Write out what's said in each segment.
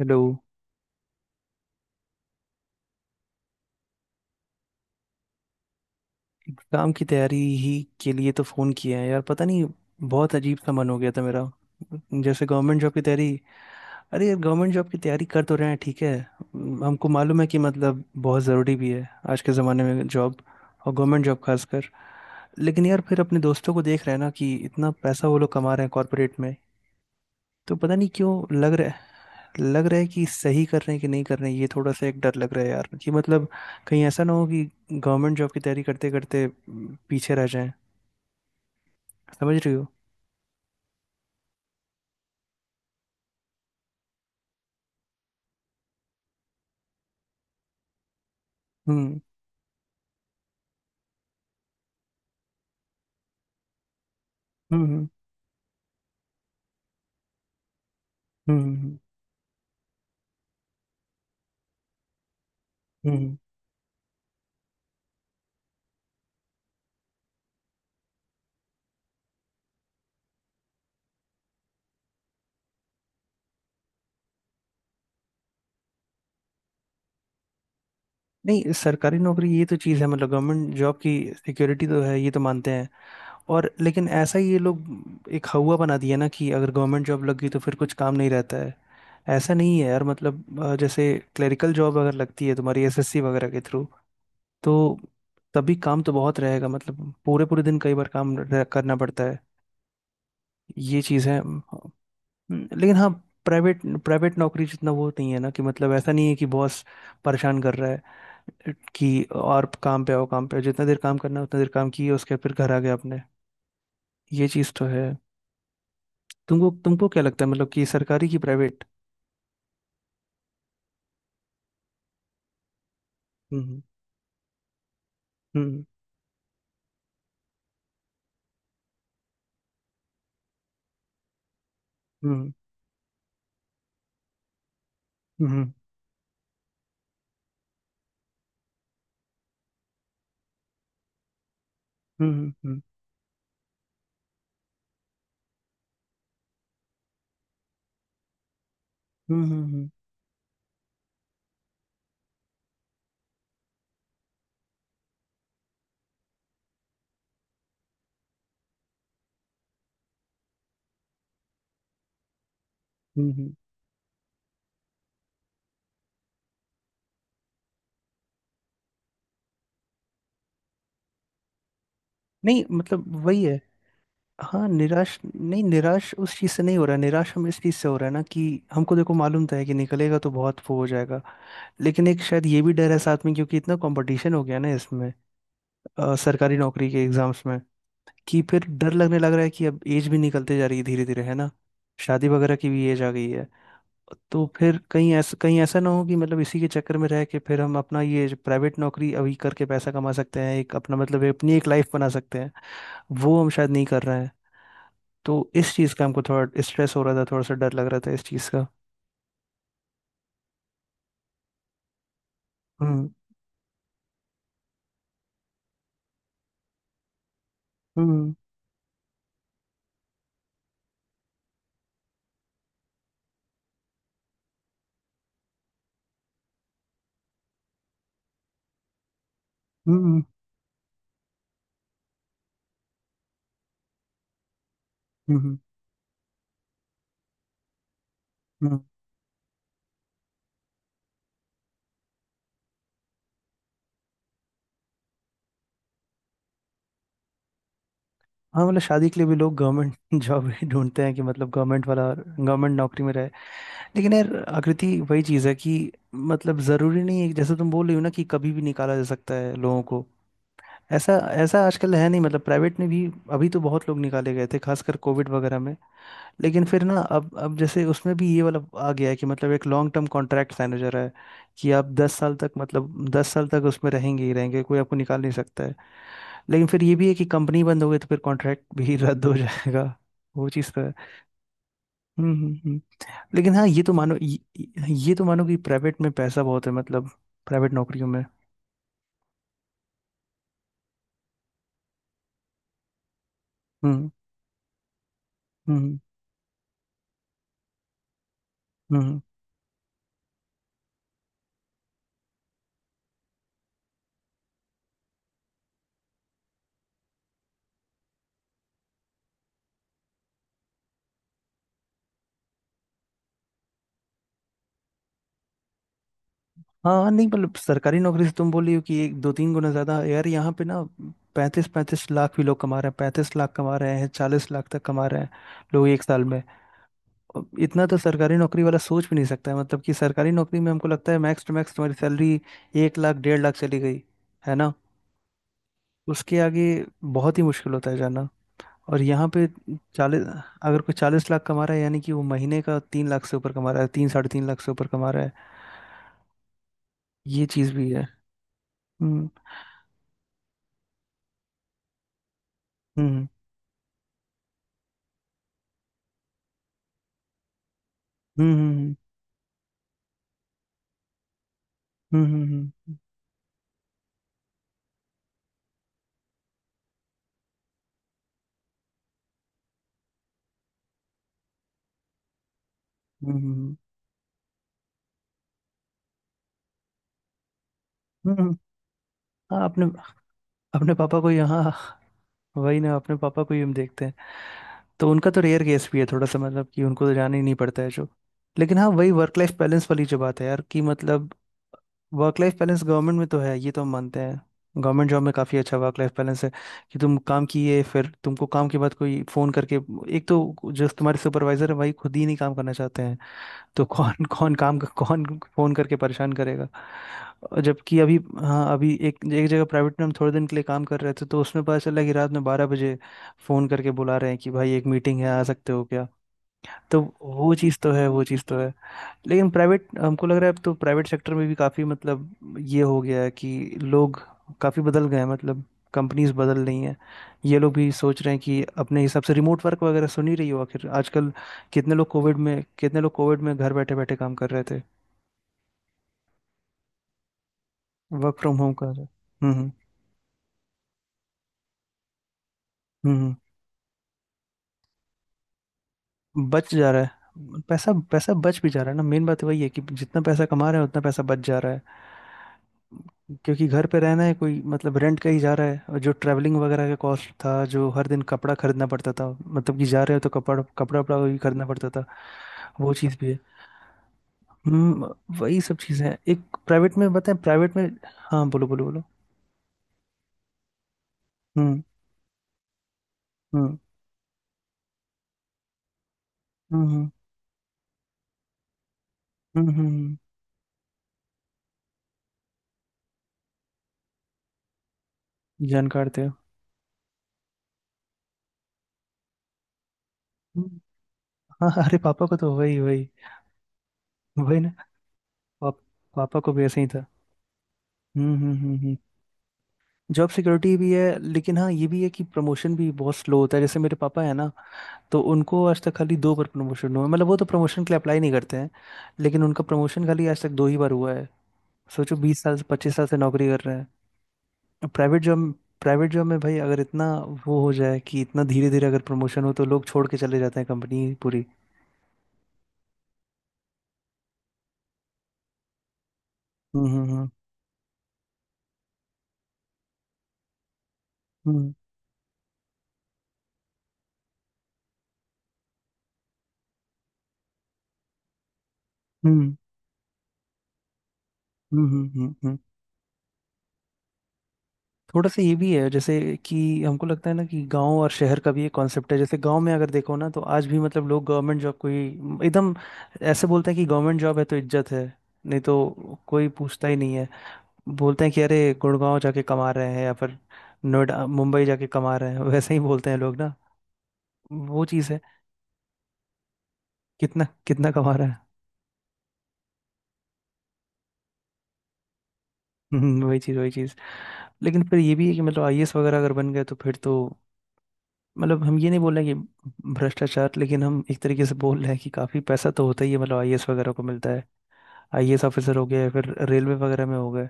Hello. Exam की तैयारी ही के लिए तो फ़ोन किया है यार। पता नहीं, बहुत अजीब सा मन हो गया था मेरा, जैसे गवर्नमेंट जॉब की तैयारी। अरे यार, गवर्नमेंट जॉब की तैयारी कर तो रहे हैं, ठीक है। हमको मालूम है कि मतलब बहुत ज़रूरी भी है आज के ज़माने में जॉब, और गवर्नमेंट जॉब खासकर। लेकिन यार, फिर अपने दोस्तों को देख रहे हैं ना कि इतना पैसा वो लोग कमा रहे हैं कॉरपोरेट में, तो पता नहीं क्यों लग रहा है। लग रहा है कि सही कर रहे हैं कि नहीं कर रहे हैं, ये थोड़ा सा एक डर लग रहा है यार, कि मतलब कहीं ऐसा ना हो कि गवर्नमेंट जॉब की तैयारी करते करते पीछे रह जाएं। समझ रही हो। हम्म, हम्म, हम्म, हम्म, हम्म, हम्म। नहीं, सरकारी नौकरी, ये तो चीज़ है, मतलब गवर्नमेंट जॉब की सिक्योरिटी तो है, ये तो मानते हैं। और लेकिन ऐसा ही ये लोग एक हवा बना दिया ना कि अगर गवर्नमेंट जॉब लग गई तो फिर कुछ काम नहीं रहता है। ऐसा नहीं है यार, मतलब जैसे क्लरिकल जॉब अगर लगती है तुम्हारी एसएससी वगैरह के थ्रू, तो तभी काम तो बहुत रहेगा, मतलब पूरे पूरे दिन कई बार करना पड़ता है, ये चीज़ है। हम्म। लेकिन हाँ, प्राइवेट प्राइवेट नौकरी जितना वो नहीं है ना, कि मतलब ऐसा नहीं है कि बॉस परेशान कर रहा है कि और काम पे आओ, काम पे आओ। जितना देर काम करना है उतना देर काम किए, उसके बाद फिर घर आ गए अपने। ये चीज़ तो है। तुमको तुमको क्या लगता है, मतलब कि सरकारी की प्राइवेट? हम्म, हम्म, हम्म, हम्म, हम्म, हम्म, हम्म, हम्म, हम्म, हम्म, हम्म। नहीं मतलब वही है। हाँ, निराश नहीं, निराश उस चीज़ से नहीं हो रहा है, निराश हम इस चीज़ से हो रहा है ना, कि हमको देखो, मालूम तो है कि निकलेगा तो बहुत वो हो जाएगा। लेकिन एक शायद ये भी डर है साथ में, क्योंकि इतना कंपटीशन हो गया ना इसमें, सरकारी नौकरी के एग्जाम्स में, कि फिर डर लगने लग रहा है कि अब एज भी निकलते जा रही है धीरे धीरे, है ना। शादी वगैरह की भी एज आ गई है। तो फिर कहीं ऐसा, कहीं ऐसा ना हो कि मतलब इसी के चक्कर में रह के फिर हम अपना, ये प्राइवेट नौकरी अभी करके पैसा कमा सकते हैं, एक अपना मतलब अपनी एक लाइफ बना सकते हैं, वो हम शायद नहीं कर रहे हैं। तो इस चीज़ का हमको थोड़ा स्ट्रेस हो रहा था, थोड़ा सा डर लग रहा था इस चीज़ का। हम्म, हम्म, हम्म, हम्म, हम्म। हाँ, मतलब शादी के लिए भी लोग गवर्नमेंट जॉब ही ढूंढते हैं, कि मतलब गवर्नमेंट वाला, गवर्नमेंट नौकरी में रहे। लेकिन यार आकृति, वही चीज़ है कि मतलब ज़रूरी नहीं है, जैसे तुम बोल रही हो ना कि कभी भी निकाला जा सकता है लोगों को। ऐसा ऐसा आजकल है नहीं, मतलब प्राइवेट में भी। अभी तो बहुत लोग निकाले गए थे, खासकर कोविड वगैरह में। लेकिन फिर ना, अब जैसे उसमें भी ये वाला आ गया है कि मतलब एक लॉन्ग टर्म कॉन्ट्रैक्ट मैनेजर है, कि आप 10 साल तक, मतलब 10 साल तक उसमें रहेंगे ही रहेंगे, कोई आपको निकाल नहीं सकता है। लेकिन फिर ये भी है कि कंपनी बंद हो गई तो फिर कॉन्ट्रैक्ट भी रद्द हो जाएगा। वो चीज़ तो है। हम्म, हम्म, लेकिन हाँ, ये तो मानो कि प्राइवेट में पैसा बहुत है, मतलब प्राइवेट नौकरियों में। हम्म, हम्म, हम्म। हाँ नहीं, मतलब सरकारी नौकरी से तुम बोली हो कि एक दो तीन गुना ज्यादा यार, यहाँ पे ना 35-35 लाख भी लोग कमा रहे हैं, 35 लाख कमा रहे हैं, 40 लाख तक कमा रहे हैं लोग एक साल में। अब इतना तो सरकारी नौकरी वाला सोच भी नहीं सकता है, मतलब कि सरकारी नौकरी में हमको लगता है मैक्स टू मैक्स तुम्हारी सैलरी 1 लाख, डेढ़ लाख चली गई, है ना। उसके आगे बहुत ही मुश्किल होता है जाना। और यहाँ पे चालीस, अगर कोई 40 लाख कमा रहा है, यानी कि वो महीने का 3 लाख से ऊपर कमा रहा है, तीन साढ़े तीन लाख से ऊपर कमा रहा है। ये चीज़ भी है। हम्म, हम्म, हम्म, हम्म, हम्म, हम्म, हम्म, हम्म, हम्म, हम्म। हाँ, अपने अपने पापा को ही, हाँ। वही ना, अपने पापा को ही हम देखते हैं। तो उनका तो रेयर केस भी है थोड़ा सा, मतलब कि उनको तो जाना ही नहीं पड़ता है जो। लेकिन हाँ, वही वर्क लाइफ बैलेंस वाली जो बात है यार, कि मतलब वर्क लाइफ बैलेंस गवर्नमेंट में तो है, ये तो हम मानते हैं। गवर्नमेंट जॉब में काफ़ी अच्छा वर्क लाइफ बैलेंस है, कि तुम काम किए, फिर तुमको काम के बाद कोई फ़ोन करके, एक तो जो तुम्हारे सुपरवाइजर है भाई, खुद ही नहीं काम करना चाहते हैं, तो कौन, कौन काम, कौन फोन करके परेशान करेगा। और जबकि अभी, हाँ अभी एक एक जगह प्राइवेट में हम थोड़े दिन के लिए काम कर रहे थे, तो उसमें पता चला कि रात में 12 बजे फोन करके बुला रहे हैं कि भाई एक मीटिंग है, आ सकते हो क्या। तो वो चीज़ तो है, वो चीज़ तो है। लेकिन प्राइवेट, हमको लग रहा है अब तो प्राइवेट सेक्टर में भी काफी मतलब ये हो गया है कि लोग काफी बदल गए हैं, मतलब कंपनीज बदल रही हैं। ये लोग भी सोच रहे हैं कि अपने हिसाब से रिमोट वर्क वगैरह, सुन ही रही हो आखिर आजकल, कितने लोग कोविड में, कितने लोग कोविड में घर बैठे बैठे काम कर रहे थे, वर्क फ्रॉम होम कर रहे। हम्म, हम्म, हम्म। बच जा रहा है पैसा, पैसा बच भी जा रहा है ना, मेन बात वही है कि जितना पैसा कमा रहे हैं उतना पैसा बच जा रहा है। क्योंकि घर पे रहना है, कोई मतलब रेंट का ही जा रहा है, और जो ट्रैवलिंग वगैरह का कॉस्ट था, जो हर दिन कपड़ा खरीदना पड़ता था, मतलब कि जा रहे हो तो कपड़ा कपड़ा वपड़ा भी खरीदना पड़ता था। वो चीज़ भी है। हम्म। वही सब चीज़ें हैं एक, प्राइवेट में बताएं, प्राइवेट में। हाँ, बोलो बोलो बोलो। हम्म, हम्म, हम्म, हम्म, हम्म, हम्म, हम्म, जानकार थे। हम्म, हाँ हाँ, अरे पापा को तो वही वही। वही ना, पाप, पापा को भी ऐसे ही था। हम्म, हम्म, हम्म, जॉब सिक्योरिटी भी है, लेकिन हाँ ये भी है कि प्रमोशन भी बहुत स्लो होता है। जैसे मेरे पापा है ना, तो उनको आज तक खाली 2 बार प्रमोशन हुआ है। मतलब वो तो प्रमोशन के लिए अप्लाई नहीं करते हैं, लेकिन उनका प्रमोशन खाली आज तक 2 ही बार हुआ है। सोचो 20 साल से, 25 साल से नौकरी कर रहे हैं। प्राइवेट जॉब प्राइवेट जॉब में भाई अगर इतना वो हो जाए, कि इतना धीरे धीरे अगर प्रमोशन हो तो लोग छोड़ के चले जाते हैं कंपनी पूरी। हम्म, हम्म, हम्म, हम्म, हम्म, हम्म, हम्म, हम्म। थोड़ा सा ये भी है, जैसे कि हमको लगता है ना कि गांव और शहर का भी एक कॉन्सेप्ट है। जैसे गांव में अगर देखो ना, तो आज भी मतलब लोग गवर्नमेंट जॉब को ही एकदम ऐसे बोलते हैं कि गवर्नमेंट जॉब है तो इज्जत है, नहीं तो कोई पूछता ही नहीं है। बोलते हैं कि अरे, गुड़गांव जाके कमा रहे हैं या फिर नोएडा मुंबई जाके कमा रहे हैं, वैसे ही बोलते हैं लोग ना। वो चीज़ है। कितना कितना कमा रहा है। वही चीज़, वही चीज़। लेकिन फिर ये भी है कि मतलब आईएएस वगैरह अगर बन गए, तो फिर तो, मतलब हम ये नहीं बोल रहे कि भ्रष्टाचार, लेकिन हम एक तरीके से बोल रहे हैं कि काफी पैसा तो होता ही है, मतलब आईएएस वगैरह को मिलता है। आईएएस ऑफिसर हो गए, फिर रेलवे वगैरह में हो गए।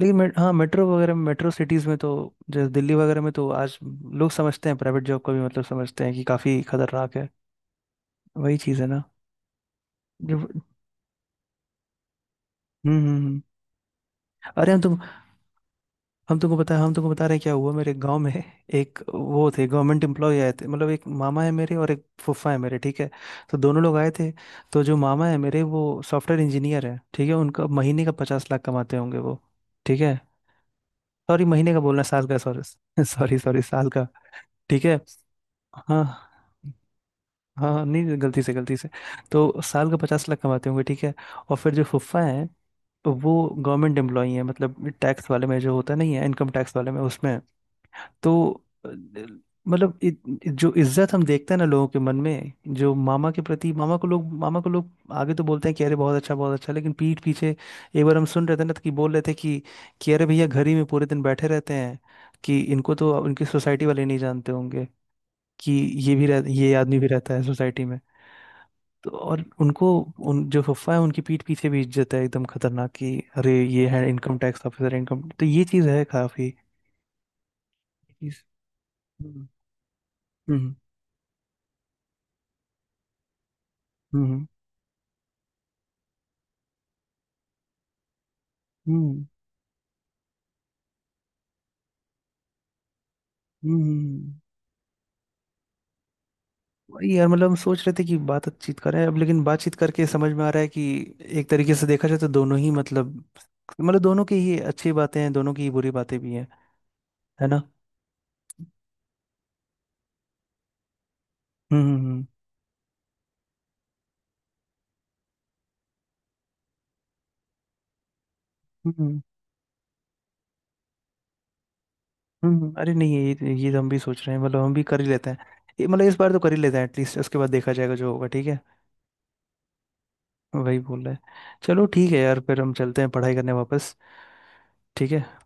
लेकिन हाँ मेट्रो वगैरह में, मेट्रो सिटीज में तो, जैसे दिल्ली वगैरह में तो आज लोग समझते हैं प्राइवेट जॉब को भी, मतलब समझते हैं कि काफी खतरनाक है। वही चीज है ना, जब। हम्म, हम्म, अरे हम तो, हम तुमको बता रहे हैं क्या हुआ मेरे गांव में। एक वो थे गवर्नमेंट एम्प्लॉय आए थे, मतलब एक मामा है मेरे और एक फूफा है मेरे, ठीक है। तो दोनों लोग आए थे। तो जो मामा है मेरे, वो सॉफ्टवेयर इंजीनियर है, ठीक है, उनका महीने का 50 लाख कमाते होंगे वो, ठीक है। सॉरी महीने का बोलना, साल का, सॉरी सॉरी सॉरी, साल का, ठीक है। हाँ हाँ हाँ, नहीं गलती से, गलती से। तो साल का 50 लाख कमाते होंगे, ठीक है। और फिर जो फुफ्फा है, वो गवर्नमेंट एम्प्लॉई है, मतलब टैक्स वाले में, जो होता नहीं है, इनकम टैक्स वाले में, उसमें तो अ, मतलब जो इज्जत हम देखते हैं ना लोगों के मन में, जो मामा के प्रति, मामा को लोग, मामा को लोग आगे तो बोलते हैं कि अरे बहुत अच्छा बहुत अच्छा, लेकिन पीठ पीछे एक बार हम सुन रहे थे ना, तो कि बोल रहे थे कि अरे भैया घर ही में पूरे दिन बैठे रहते हैं, कि इनको तो उनकी सोसाइटी वाले नहीं जानते होंगे कि ये आदमी भी रहता है सोसाइटी में। तो और उनको, उन जो फुफा है, उनकी पीठ पीछे भी इज्जत है एकदम खतरनाक, कि अरे ये है इनकम टैक्स ऑफिसर, इनकम, तो ये चीज है काफी। हम्म, हम्म, हम्म, हम्म, हम्म, वही यार, मतलब हम सोच रहे थे कि बातचीत करें अब, लेकिन बातचीत करके समझ में आ रहा है कि एक तरीके से देखा जाए तो दोनों ही, मतलब दोनों की ही अच्छी बातें हैं, दोनों की ही बुरी बातें भी हैं, है ना। हम्म, हम्म, हम्म, अरे नहीं, ये तो हम भी सोच रहे हैं, मतलब हम भी कर ही लेते हैं, ये मतलब इस बार तो कर ही लेते हैं एटलीस्ट, उसके बाद देखा जाएगा जो होगा, ठीक है। वही बोल रहे हैं। चलो ठीक है यार, फिर हम चलते हैं पढ़ाई करने वापस, ठीक है।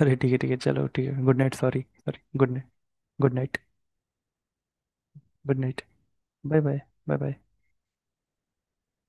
अरे ठीक है, ठीक है, चलो ठीक है, good night, sorry sorry, good night. Good night. Good night bye bye. Bye bye.